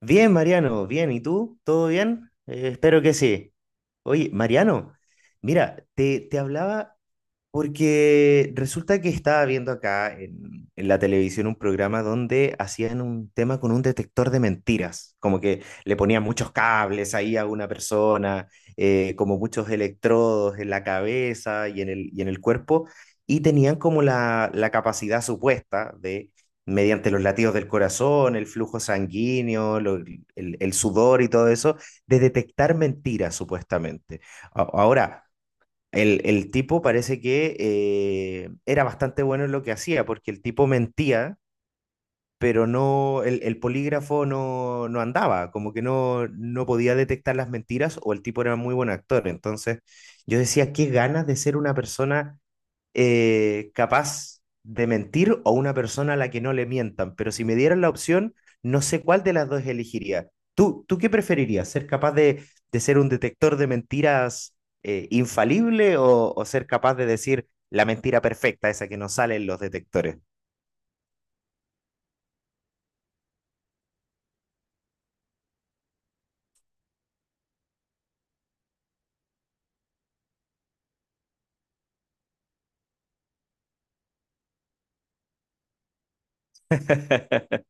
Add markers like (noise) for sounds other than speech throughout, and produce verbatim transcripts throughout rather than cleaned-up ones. Bien, Mariano, bien. ¿Y tú? ¿Todo bien? Eh, espero que sí. Oye, Mariano, mira, te, te hablaba porque resulta que estaba viendo acá en, en la televisión un programa donde hacían un tema con un detector de mentiras, como que le ponían muchos cables ahí a una persona, eh, como muchos electrodos en la cabeza y en el, y en el cuerpo, y tenían como la, la capacidad supuesta de, mediante los latidos del corazón, el flujo sanguíneo, lo- el el sudor y todo eso, de detectar mentiras supuestamente. A- Ahora, el, el tipo parece que eh, era bastante bueno en lo que hacía, porque el tipo mentía, pero no, el, el polígrafo no, no andaba, como que no, no podía detectar las mentiras o el tipo era muy buen actor. Entonces yo decía, qué ganas de ser una persona eh, capaz de mentir o una persona a la que no le mientan, pero si me dieran la opción, no sé cuál de las dos elegiría. ¿Tú, tú qué preferirías? ¿Ser capaz de, de ser un detector de mentiras eh, infalible o, o ser capaz de decir la mentira perfecta, esa que no sale en los detectores? (laughs)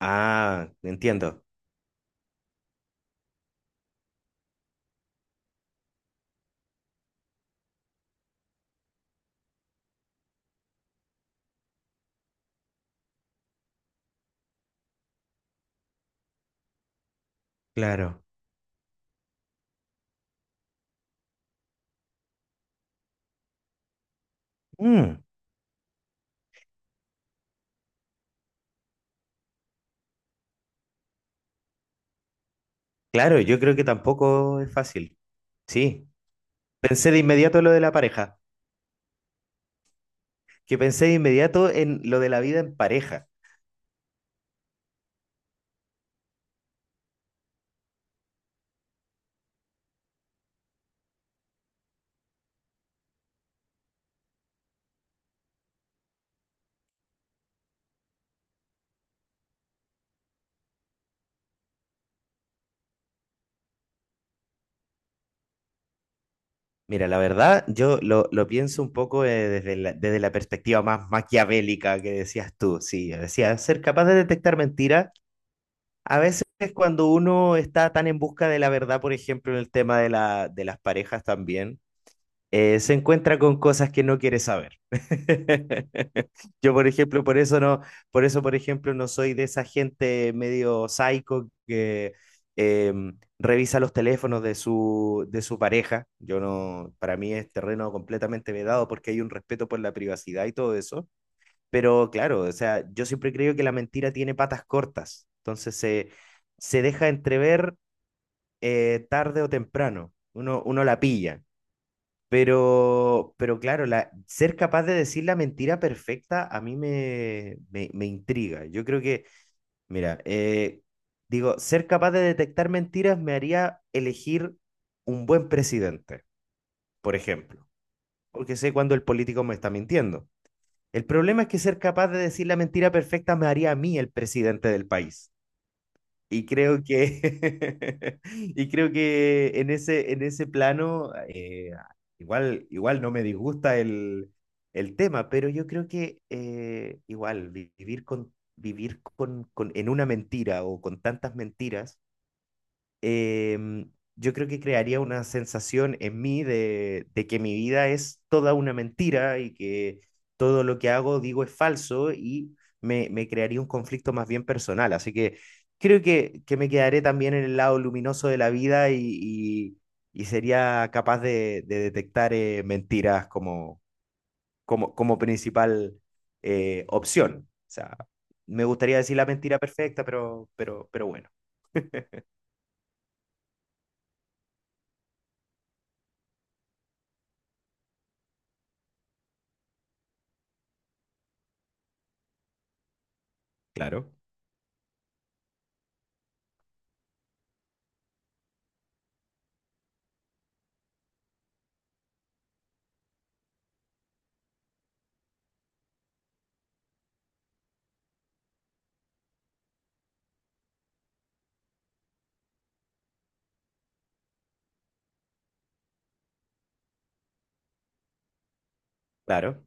Ah, entiendo. Claro. Mm, claro, yo creo que tampoco es fácil. Sí. Pensé de inmediato en lo de la pareja, que pensé de inmediato en lo de la vida en pareja. Mira, la verdad, yo lo, lo pienso un poco eh, desde la, desde la perspectiva más maquiavélica que decías tú. Sí, decía, ser capaz de detectar mentiras. A veces cuando uno está tan en busca de la verdad, por ejemplo, en el tema de la, de las parejas también, eh, se encuentra con cosas que no quiere saber. (laughs) Yo, por ejemplo, por eso no, por eso, por ejemplo, no soy de esa gente medio psycho que eh, revisa los teléfonos de su, de su pareja. Yo no, para mí es terreno completamente vedado porque hay un respeto por la privacidad y todo eso. Pero claro, o sea, yo siempre creo que la mentira tiene patas cortas. Entonces se, se deja entrever eh, tarde o temprano. Uno, uno la pilla. Pero, pero claro, la, ser capaz de decir la mentira perfecta a mí me, me, me intriga. Yo creo que, mira, eh, digo, ser capaz de detectar mentiras me haría elegir un buen presidente, por ejemplo, porque sé cuando el político me está mintiendo. El problema es que ser capaz de decir la mentira perfecta me haría a mí el presidente del país. Y creo que, (laughs) y creo que en ese, en ese plano, eh, igual, igual no me disgusta el, el tema, pero yo creo que eh, igual vi- vivir con, vivir con, con, en una mentira o con tantas mentiras em, yo creo que crearía una sensación en mí de, de que mi vida es toda una mentira y que todo lo que hago, digo, es falso y me, me crearía un conflicto más bien personal. Así que creo que, que me quedaré también en el lado luminoso de la vida y, y- y sería capaz de, de detectar eh, mentiras como, como, como principal eh, opción. O sea, me gustaría decir la mentira perfecta, pero, pero, pero bueno, claro, claro.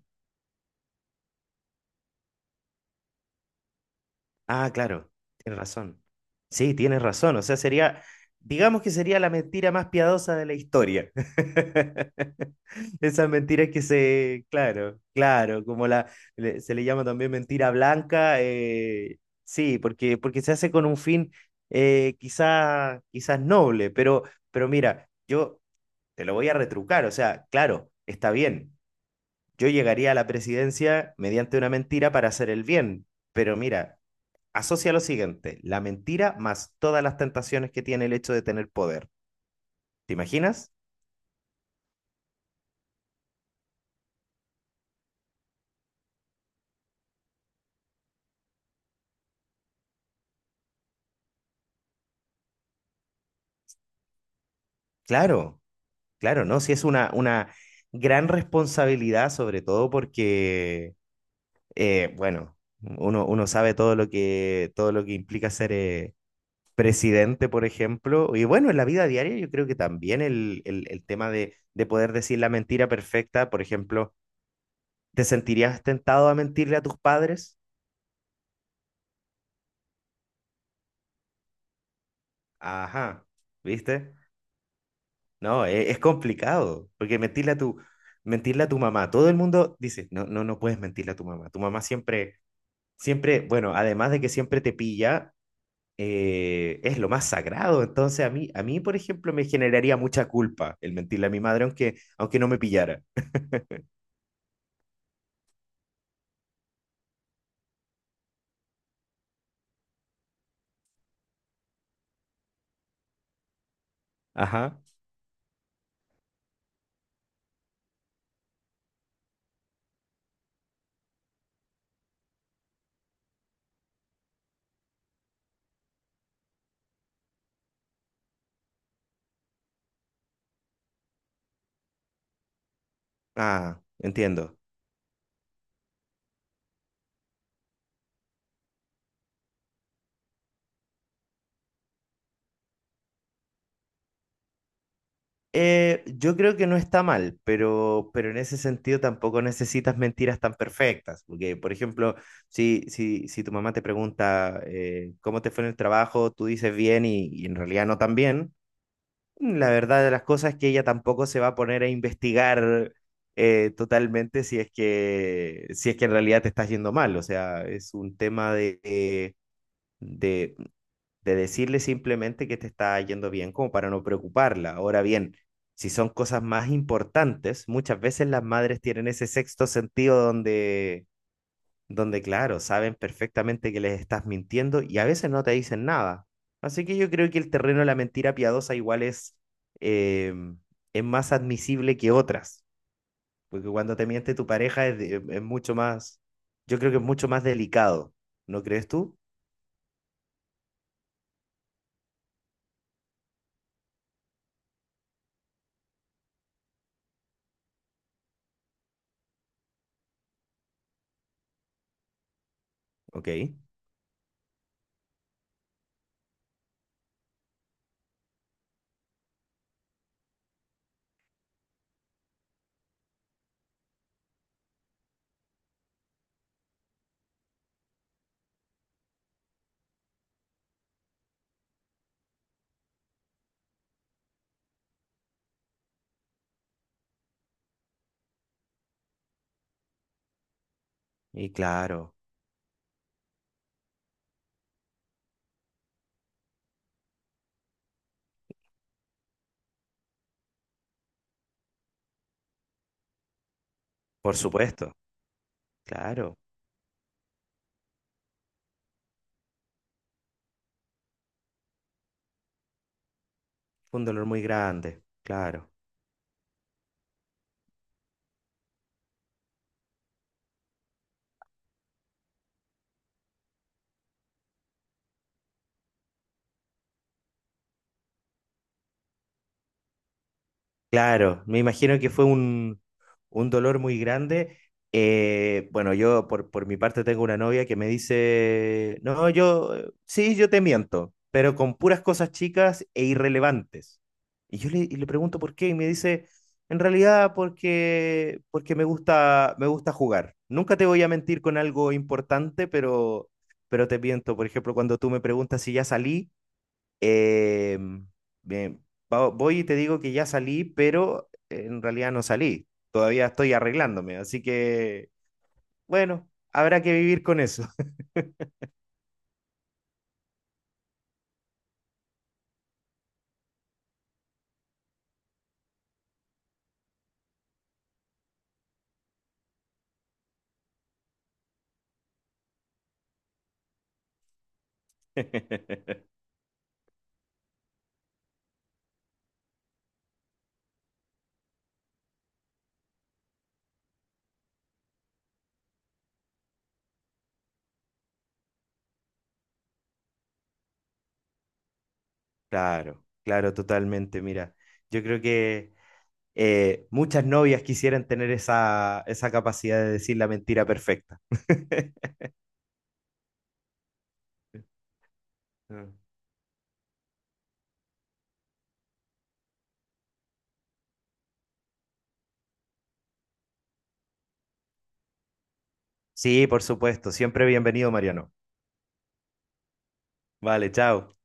Ah, claro, tienes razón. Sí, tienes razón. O sea, sería, digamos que sería la mentira más piadosa de la historia. (laughs) Esas mentiras que se, claro, claro, como la, le- se le llama también mentira blanca. Eh, sí, porque, porque se hace con un fin eh, quizá, quizás noble, pero, pero mira, yo te lo voy a retrucar. O sea, claro, está bien. Yo llegaría a la presidencia mediante una mentira para hacer el bien, pero mira. Asocia lo siguiente, la mentira más todas las tentaciones que tiene el hecho de tener poder. ¿Te imaginas? Claro, claro, ¿no? Si es una, una gran responsabilidad, sobre todo porque, eh, bueno, uno, uno sabe todo lo que, todo lo que implica ser eh, presidente, por ejemplo. Y bueno, en la vida diaria yo creo que también el, el, el tema de, de poder decir la mentira perfecta, por ejemplo, ¿te sentirías tentado a mentirle a tus padres? Ajá, ¿viste? No, e- es, complicado, porque mentirle a tu, mentirle a tu mamá, todo el mundo dice, no, no, no puedes mentirle a tu mamá. Tu mamá siempre, siempre, bueno, además de que siempre te pilla, eh, es lo más sagrado. Entonces a mí, a mí, por ejemplo, me generaría mucha culpa el mentirle a mi madre, aunque, aunque no me pillara. Ajá. Ah, entiendo. Eh, yo creo que no está mal, pero, pero en ese sentido tampoco necesitas mentiras tan perfectas, porque por ejemplo, si, si, si tu mamá te pregunta eh, cómo te fue en el trabajo, tú dices bien y, y en realidad no tan bien, la verdad de las cosas es que ella tampoco se va a poner a investigar eh, totalmente si es que, si es que en realidad te estás yendo mal, o sea, es un tema de, de, de decirle simplemente que te está yendo bien como para no preocuparla. Ahora bien, si son cosas más importantes, muchas veces las madres tienen ese sexto sentido donde, donde claro, saben perfectamente que les estás mintiendo y a veces no te dicen nada. Así que yo creo que el terreno de la mentira piadosa igual es, eh, es más admisible que otras, porque cuando te miente tu pareja es, de- es mucho más, yo creo que es mucho más delicado, ¿no crees tú? Ok, y claro, por supuesto. Claro, fue un dolor muy grande, claro, claro, me imagino que fue un, un dolor muy grande. Eh, bueno, yo por, por mi parte tengo una novia que me dice, no, yo, eh, sí, yo te miento, pero con puras cosas chicas e irrelevantes. Y yo le, y le pregunto por qué y me dice, en realidad porque, porque me gusta, me gusta jugar. Nunca te voy a mentir con algo importante, pero, pero te miento. Por ejemplo, cuando tú me preguntas si ya salí. Eh, Bien, va- voy y te digo que ya salí, pero en realidad no salí. Todavía estoy arreglándome, así que, bueno, habrá que vivir con eso. (laughs) Claro, claro, totalmente. Mira, yo creo que eh, muchas novias quisieran tener esa, esa capacidad de decir la mentira perfecta. (laughs) Sí, por supuesto. Siempre bienvenido, Mariano. Vale, chao.